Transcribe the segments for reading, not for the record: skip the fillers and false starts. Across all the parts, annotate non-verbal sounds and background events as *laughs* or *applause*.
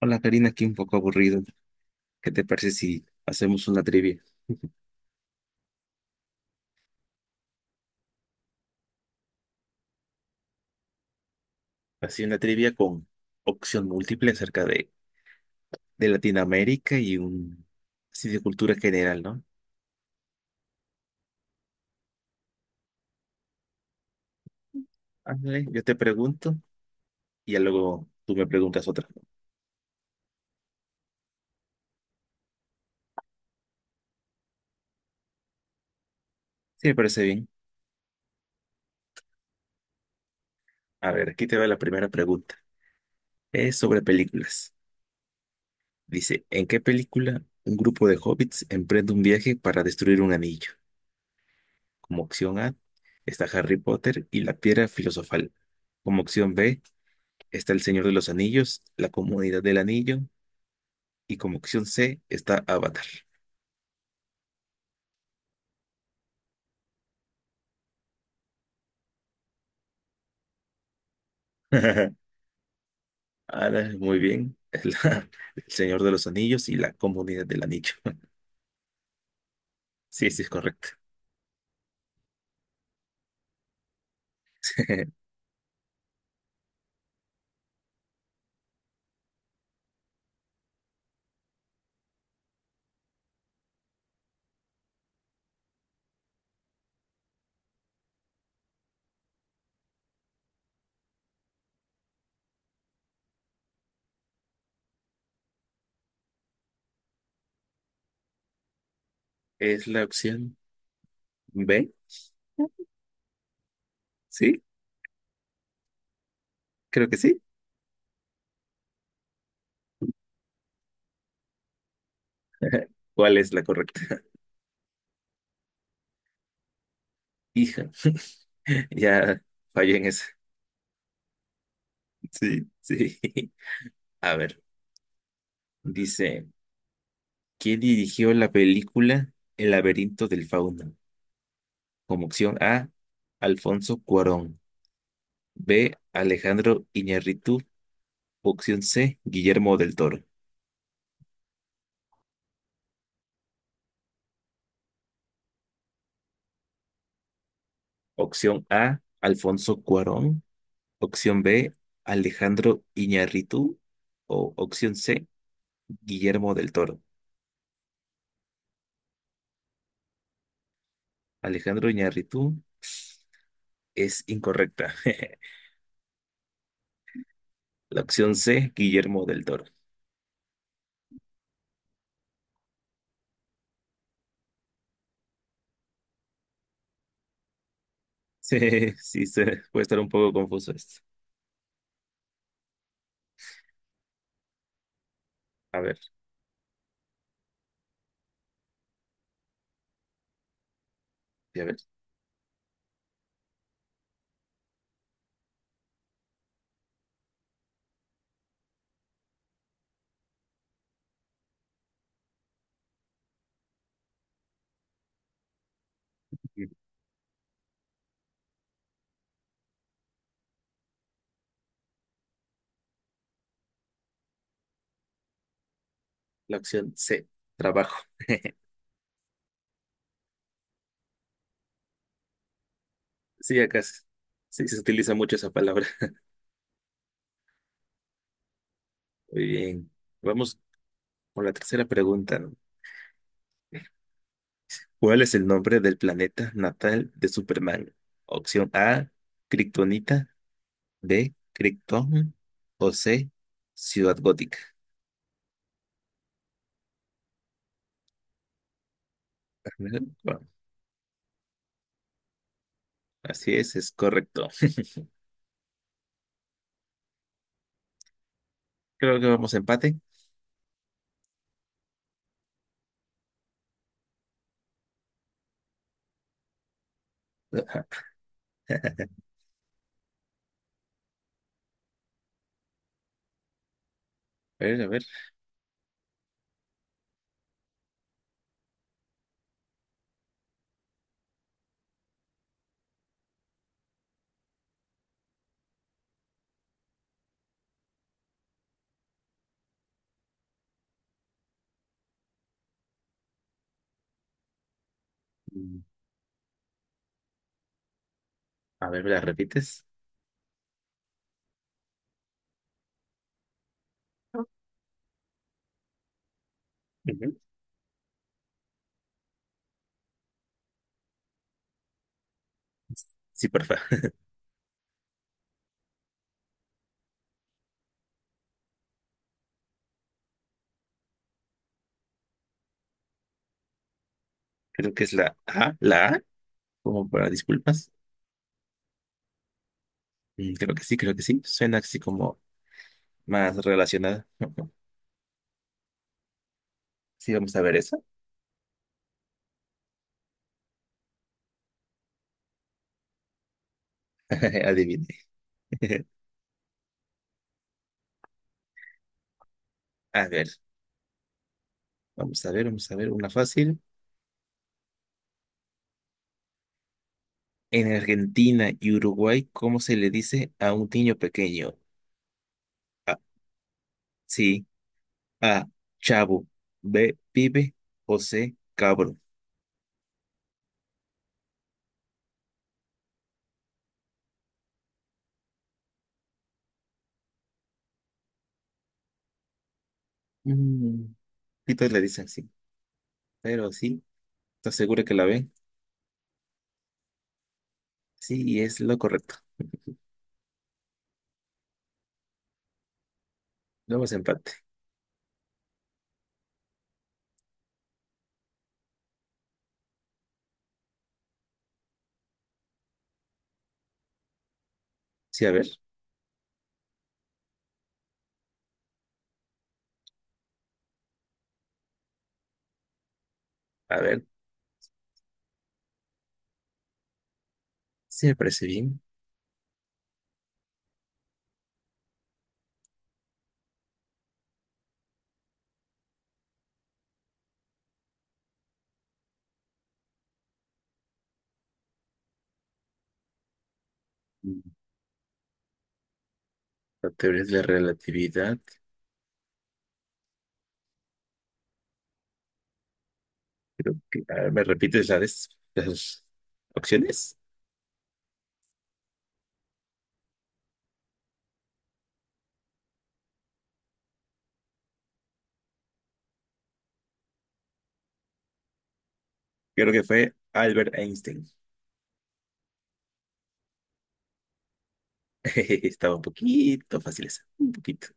Hola Karina, aquí un poco aburrido. ¿Qué te parece si hacemos una trivia? Así una trivia con opción múltiple acerca de Latinoamérica y un así de cultura general, ¿no? Ándale, yo te pregunto y ya luego tú me preguntas otra. Sí, me parece bien. A ver, aquí te va la primera pregunta. Es sobre películas. Dice, ¿en qué película un grupo de hobbits emprende un viaje para destruir un anillo? Como opción A está Harry Potter y la piedra filosofal. Como opción B está El Señor de los Anillos, La Comunidad del Anillo, y como opción C está Avatar. *laughs* Ahora, muy bien. *laughs* El Señor de los Anillos y La Comunidad del Anillo. *laughs* Sí, sí, es correcto. *laughs* ¿Es la opción B? ¿Sí? Creo que sí. ¿Cuál es la correcta? *laughs* Hija, *laughs* ya fallé en esa. Sí, sí. *laughs* A ver, dice, ¿quién dirigió la película El laberinto del fauno? Como opción A, Alfonso Cuarón. B, Alejandro Iñárritu. Opción C, Guillermo del Toro. Opción A, Alfonso Cuarón. Opción B, Alejandro Iñárritu. O opción C, Guillermo del Toro. Alejandro Iñárritu es incorrecta. *laughs* La opción C, Guillermo del Toro. *laughs* Sí, sí, se puede estar un poco confuso esto. A ver, a ver. La opción C. Trabajo. *laughs* Sí, acá se, sí, se utiliza mucho esa palabra. Muy bien. Vamos por la tercera pregunta, ¿no? ¿Cuál es el nombre del planeta natal de Superman? Opción A, Kryptonita, B, Krypton, o C, Ciudad Gótica. Ajá. Bueno, así es correcto. *laughs* Creo que vamos a empate. Ajá. *laughs* A ver, a ver. Mm, A ver, ¿me la repites? Ujú. Sí, porfa. Creo que es la A, como para disculpas. Creo que sí, creo que sí. Suena así como más relacionada. *laughs* Sí, vamos a ver eso. *laughs* Adivine. *laughs* A ver. Vamos a ver, vamos a ver, una fácil. En Argentina y Uruguay, ¿cómo se le dice a un niño pequeño? A, sí, A, chavo, B, pibe, o C, cabro. Mm, y todos le dicen sí, pero sí, ¿estás segura que la ven? Sí, y es lo correcto. Vamos a empate. Sí, a ver, sí me parece bien. Mm, La teoría de la relatividad, creo que, a ver, ¿me repites la de las opciones? Creo que fue Albert Einstein. *laughs* Estaba un poquito fácil esa, un poquito.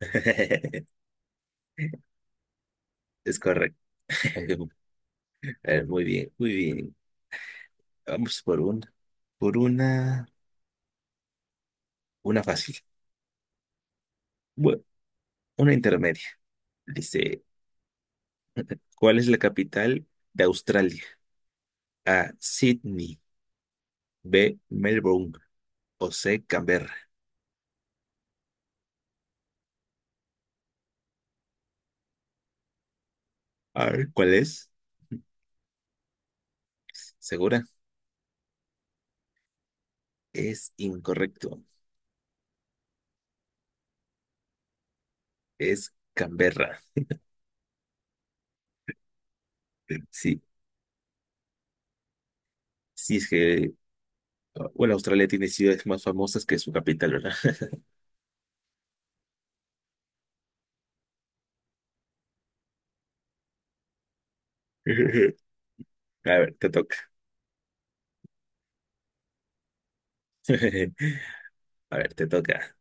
*laughs* Es correcto. *laughs* A ver, muy bien, muy bien. Vamos por una fácil. Bueno, una intermedia. Dice, *laughs* ¿cuál es la capital de Australia? A, Sydney, B, Melbourne, o C, Canberra. A ver, ¿cuál es? *laughs* ¿Segura? Es incorrecto. Es Canberra. Sí, sí es que, bueno, Australia tiene ciudades más famosas que su capital, ¿verdad? *laughs* A ver, te toca. *laughs* A ver, te toca.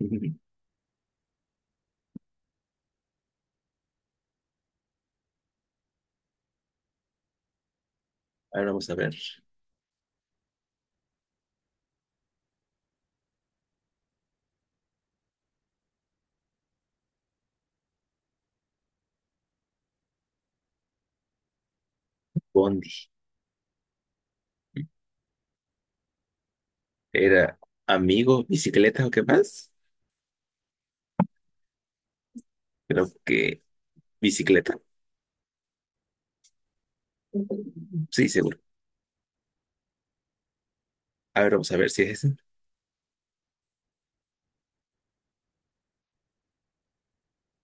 *laughs* Ahora vamos a ver. Bondi. ¿Era amigo, bicicleta o qué más? Creo que bicicleta. Sí, seguro. A ver, vamos a ver si es ese.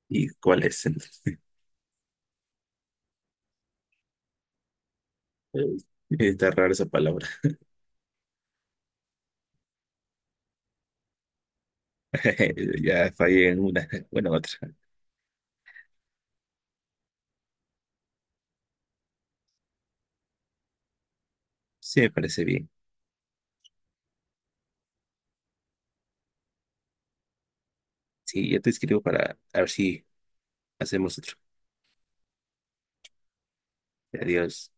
¿Y cuál es *laughs* entonces? Eh, Está rara esa palabra. *laughs* Ya fallé en una. Bueno, en otra. Sí, me parece bien. Sí, yo te escribo para a ver si hacemos otro. Adiós.